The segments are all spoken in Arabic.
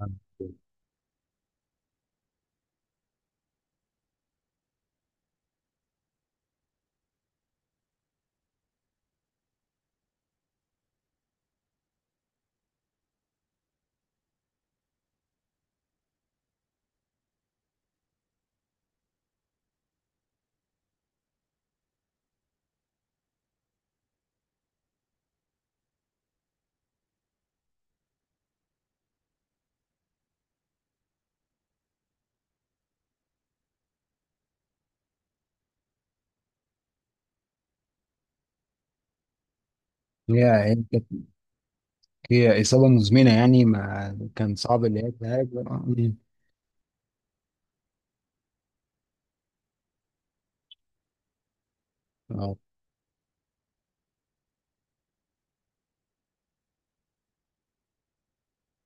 هي هي كانت هي إصابة مزمنة يعني ما كان صعب اللي هي تهاج؟ اه،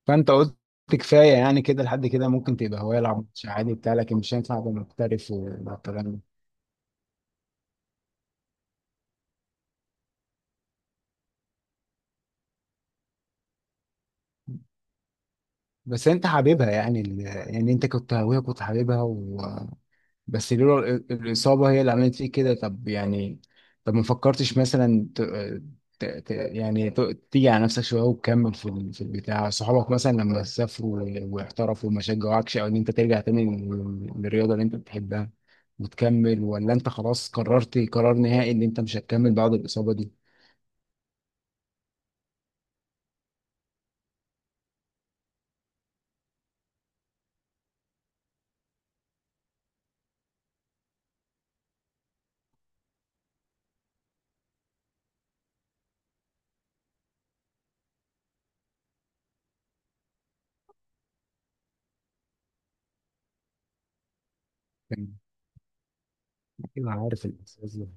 فأنت قلت كفاية يعني كده، لحد كده ممكن تبقى هواية، يلعب ماتش عادي بتاع، لكن مش هينفع تبقى محترف والكلام ده. بس أنت حاببها يعني، أنت كنت هواية، كنت حاببها، بس لولا الإصابة هي اللي عملت فيك كده. طب يعني، طب ما فكرتش مثلا ت... ت... يعني ت... تيجي على نفسك شوية وتكمل في البتاع؟ صحابك مثلا لما سافروا واحترفوا ما شجعوكش؟ أو إن أنت ترجع تاني للرياضة اللي أنت بتحبها وتكمل، ولا أنت خلاص قررت قرار نهائي إن أنت مش هتكمل بعد الإصابة دي؟ كان أكيد عارف الإحساس ده.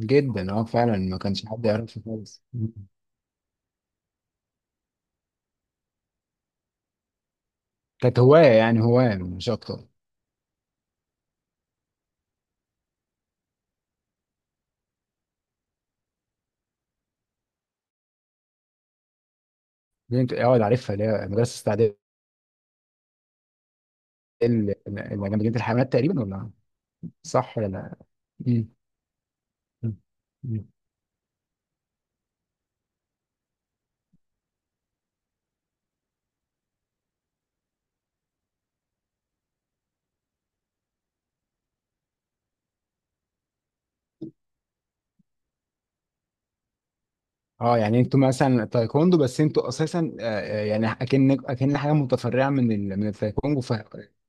جدا أه، فعلا ما كانش حد يعرفه خالص. كانت هواية يعني، هواية مش أكتر. دي انت اقعد عارفها اللي هي مدرسة جمعية الحيوانات تقريبا، ولا صح ولا لا؟ مم. مم. مم. اه يعني انتوا مثلا تايكوندو، بس انتوا اساسا يعني اكن حاجه متفرعه من من التايكوندو. ف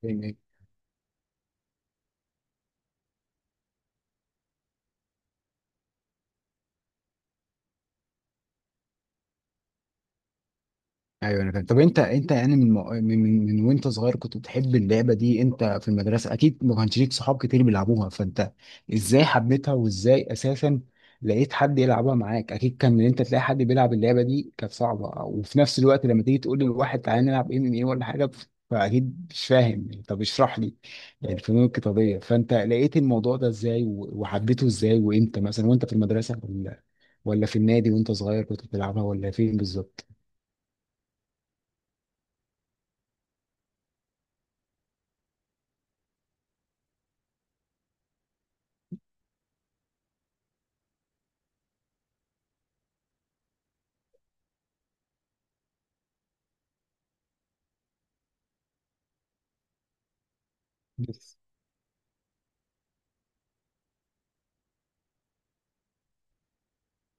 يعني ايوه انا فاهم. طب انت انت يعني من وانت صغير كنت بتحب اللعبه دي، انت في المدرسه اكيد ما كانش ليك صحاب كتير بيلعبوها، فانت ازاي حبيتها وازاي اساسا لقيت حد يلعبها معاك؟ اكيد كان ان انت تلاقي حد بيلعب اللعبه دي كانت صعبه، وفي نفس الوقت لما تيجي تقول للواحد تعالى نلعب ام ام ايه ولا حاجه، فاكيد مش فاهم. طب اشرح لي الفنون القتاليه، فانت لقيت الموضوع ده ازاي، وحبيته ازاي وامتى؟ مثلا وانت في المدرسه ولا، ولا في النادي وانت صغير كنت بتلعبها، ولا فين بالظبط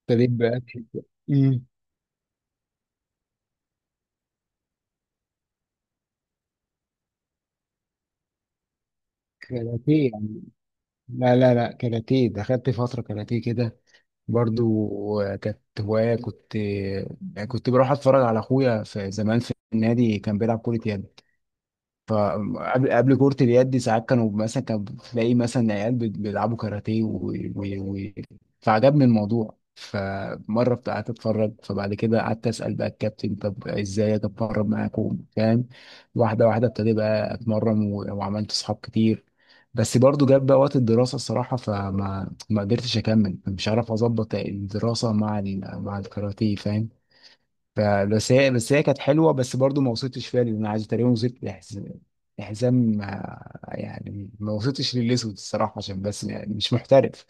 ابتديت بأكل؟ امم، كاراتيه يعني؟ لا لا لا، كاراتيه دخلت فترة كاراتيه كده، برضو كانت هواية، كنت بروح اتفرج على اخويا في زمان في النادي كان بيلعب كرة يد. فقبل كرة اليد دي ساعات كانوا مثلا، كانوا بتلاقي مثلا عيال بيلعبوا كاراتيه فعجبني الموضوع. فمرة قعدت اتفرج، فبعد كده قعدت اسأل بقى الكابتن طب ازاي اتمرن معاكم، فاهم؟ واحدة واحدة ابتدي بقى اتمرن وعملت صحاب كتير. بس برضو جاب بقى وقت الدراسة الصراحة، فما ما قدرتش اكمل، مش عارف اظبط الدراسة مع مع الكاراتيه، فاهم؟ فبس هي كانت حلوه، بس برضو ما وصلتش فيها، لان انا عايز تقريبا وصلت لحزام يعني ما وصلتش للاسود الصراحه، عشان بس يعني مش محترف.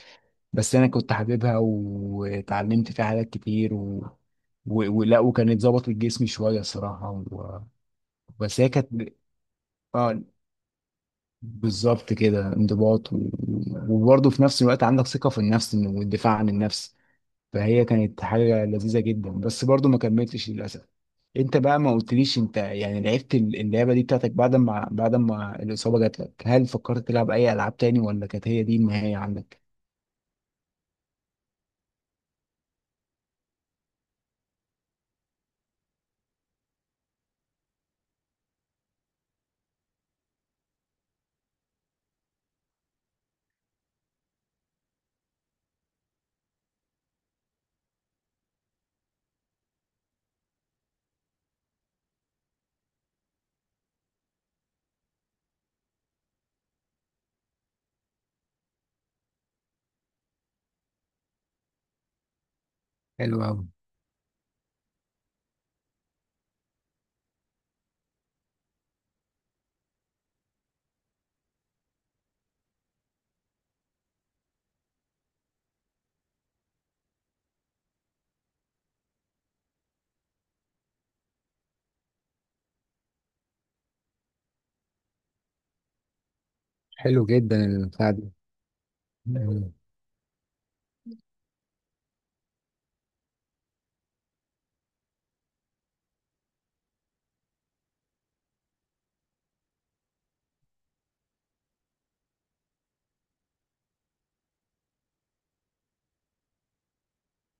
بس انا كنت حاببها واتعلمت فيها حاجات كتير و... و... ولا وكانت ظبطت جسمي شويه الصراحه و... بس هي كانت اه بالظبط كده، انضباط، وبرضه في نفس الوقت عندك ثقه في النفس والدفاع عن النفس. فهي كانت حاجه لذيذه جدا، بس برضه ما كملتش للاسف. انت بقى ما قلتليش، انت يعني لعبت اللعبه دي بتاعتك، بعد ما بعد ما الاصابه جات لك، هل فكرت تلعب اي العاب تاني، ولا كانت هي دي النهايه عندك؟ حلو أوي. حلو جدا البتاع دي. مم.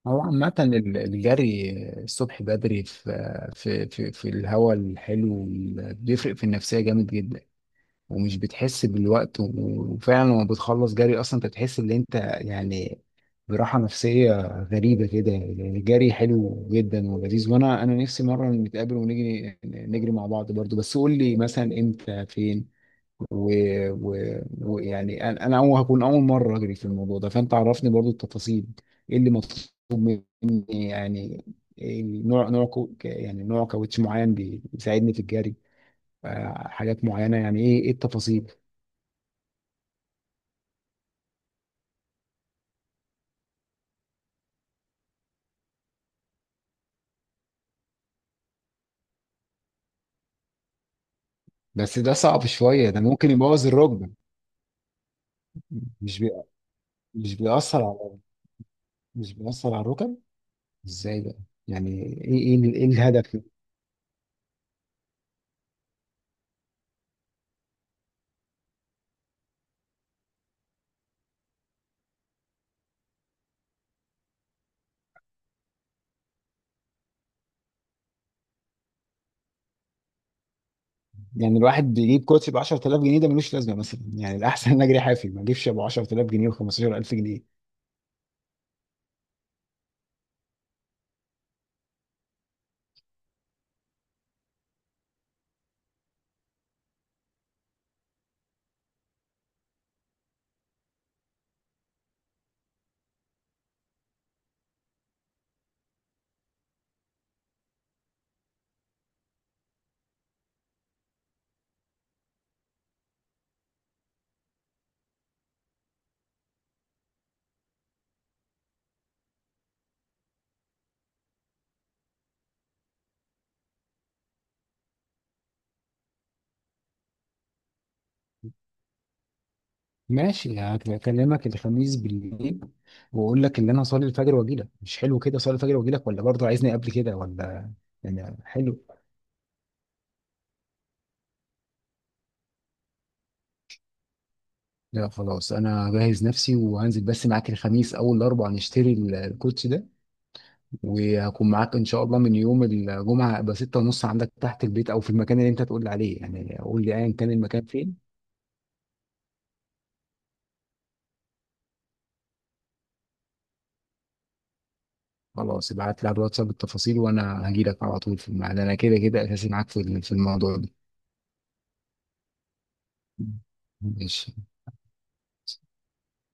هو عامة الجري الصبح بدري في الهواء الحلو بيفرق في النفسية جامد جدا، ومش بتحس بالوقت، وفعلا لما بتخلص جري اصلا انت بتحس ان انت يعني براحة نفسية غريبة كده. يعني الجري حلو جدا ولذيذ، وانا نفسي مرة نتقابل ونجري، نجري مع بعض برضو، بس قول لي مثلا امتى فين ويعني انا أول هكون اول مرة اجري في الموضوع ده، فانت عرفني برضو التفاصيل. ايه اللي مطلوب مني يعني؟ إيه نوع نوع كو... يعني نوع كاوتش معين بيساعدني في الجري؟ حاجات معينة يعني، ايه ايه التفاصيل؟ بس ده صعب شوية، ده ممكن يبوظ الركبة. مش بي... مش بيأثر على، مش بيأثر على الركب؟ ازاي بقى؟ يعني ايه، ايه الهدف؟ يعني الواحد بيجيب كوتش ب 10000 جنيه، ده ملوش لازمة مثلا. يعني الأحسن إن أجري حافي ما أجيبش أبو 10000 جنيه و15000 جنيه. ماشي، هكلمك الخميس بالليل وأقول لك إن أنا هصلي الفجر وأجي لك. مش حلو كده أصلي الفجر وأجي لك، ولا برضه عايزني قبل كده ولا؟ يعني حلو. لا خلاص، أنا جاهز نفسي وهنزل بس معاك الخميس أول أربعة نشتري الكوتش ده، وهكون معاك ان شاء الله من يوم الجمعه. ابقى 6 ونص عندك تحت البيت او في المكان اللي انت تقول لي عليه، يعني قول لي ايا كان المكان فين. خلاص، ابعت لي على الواتساب التفاصيل وانا هجي لك على طول في الميعاد، انا كده كده اساسي معاك في الموضوع ده. ماشي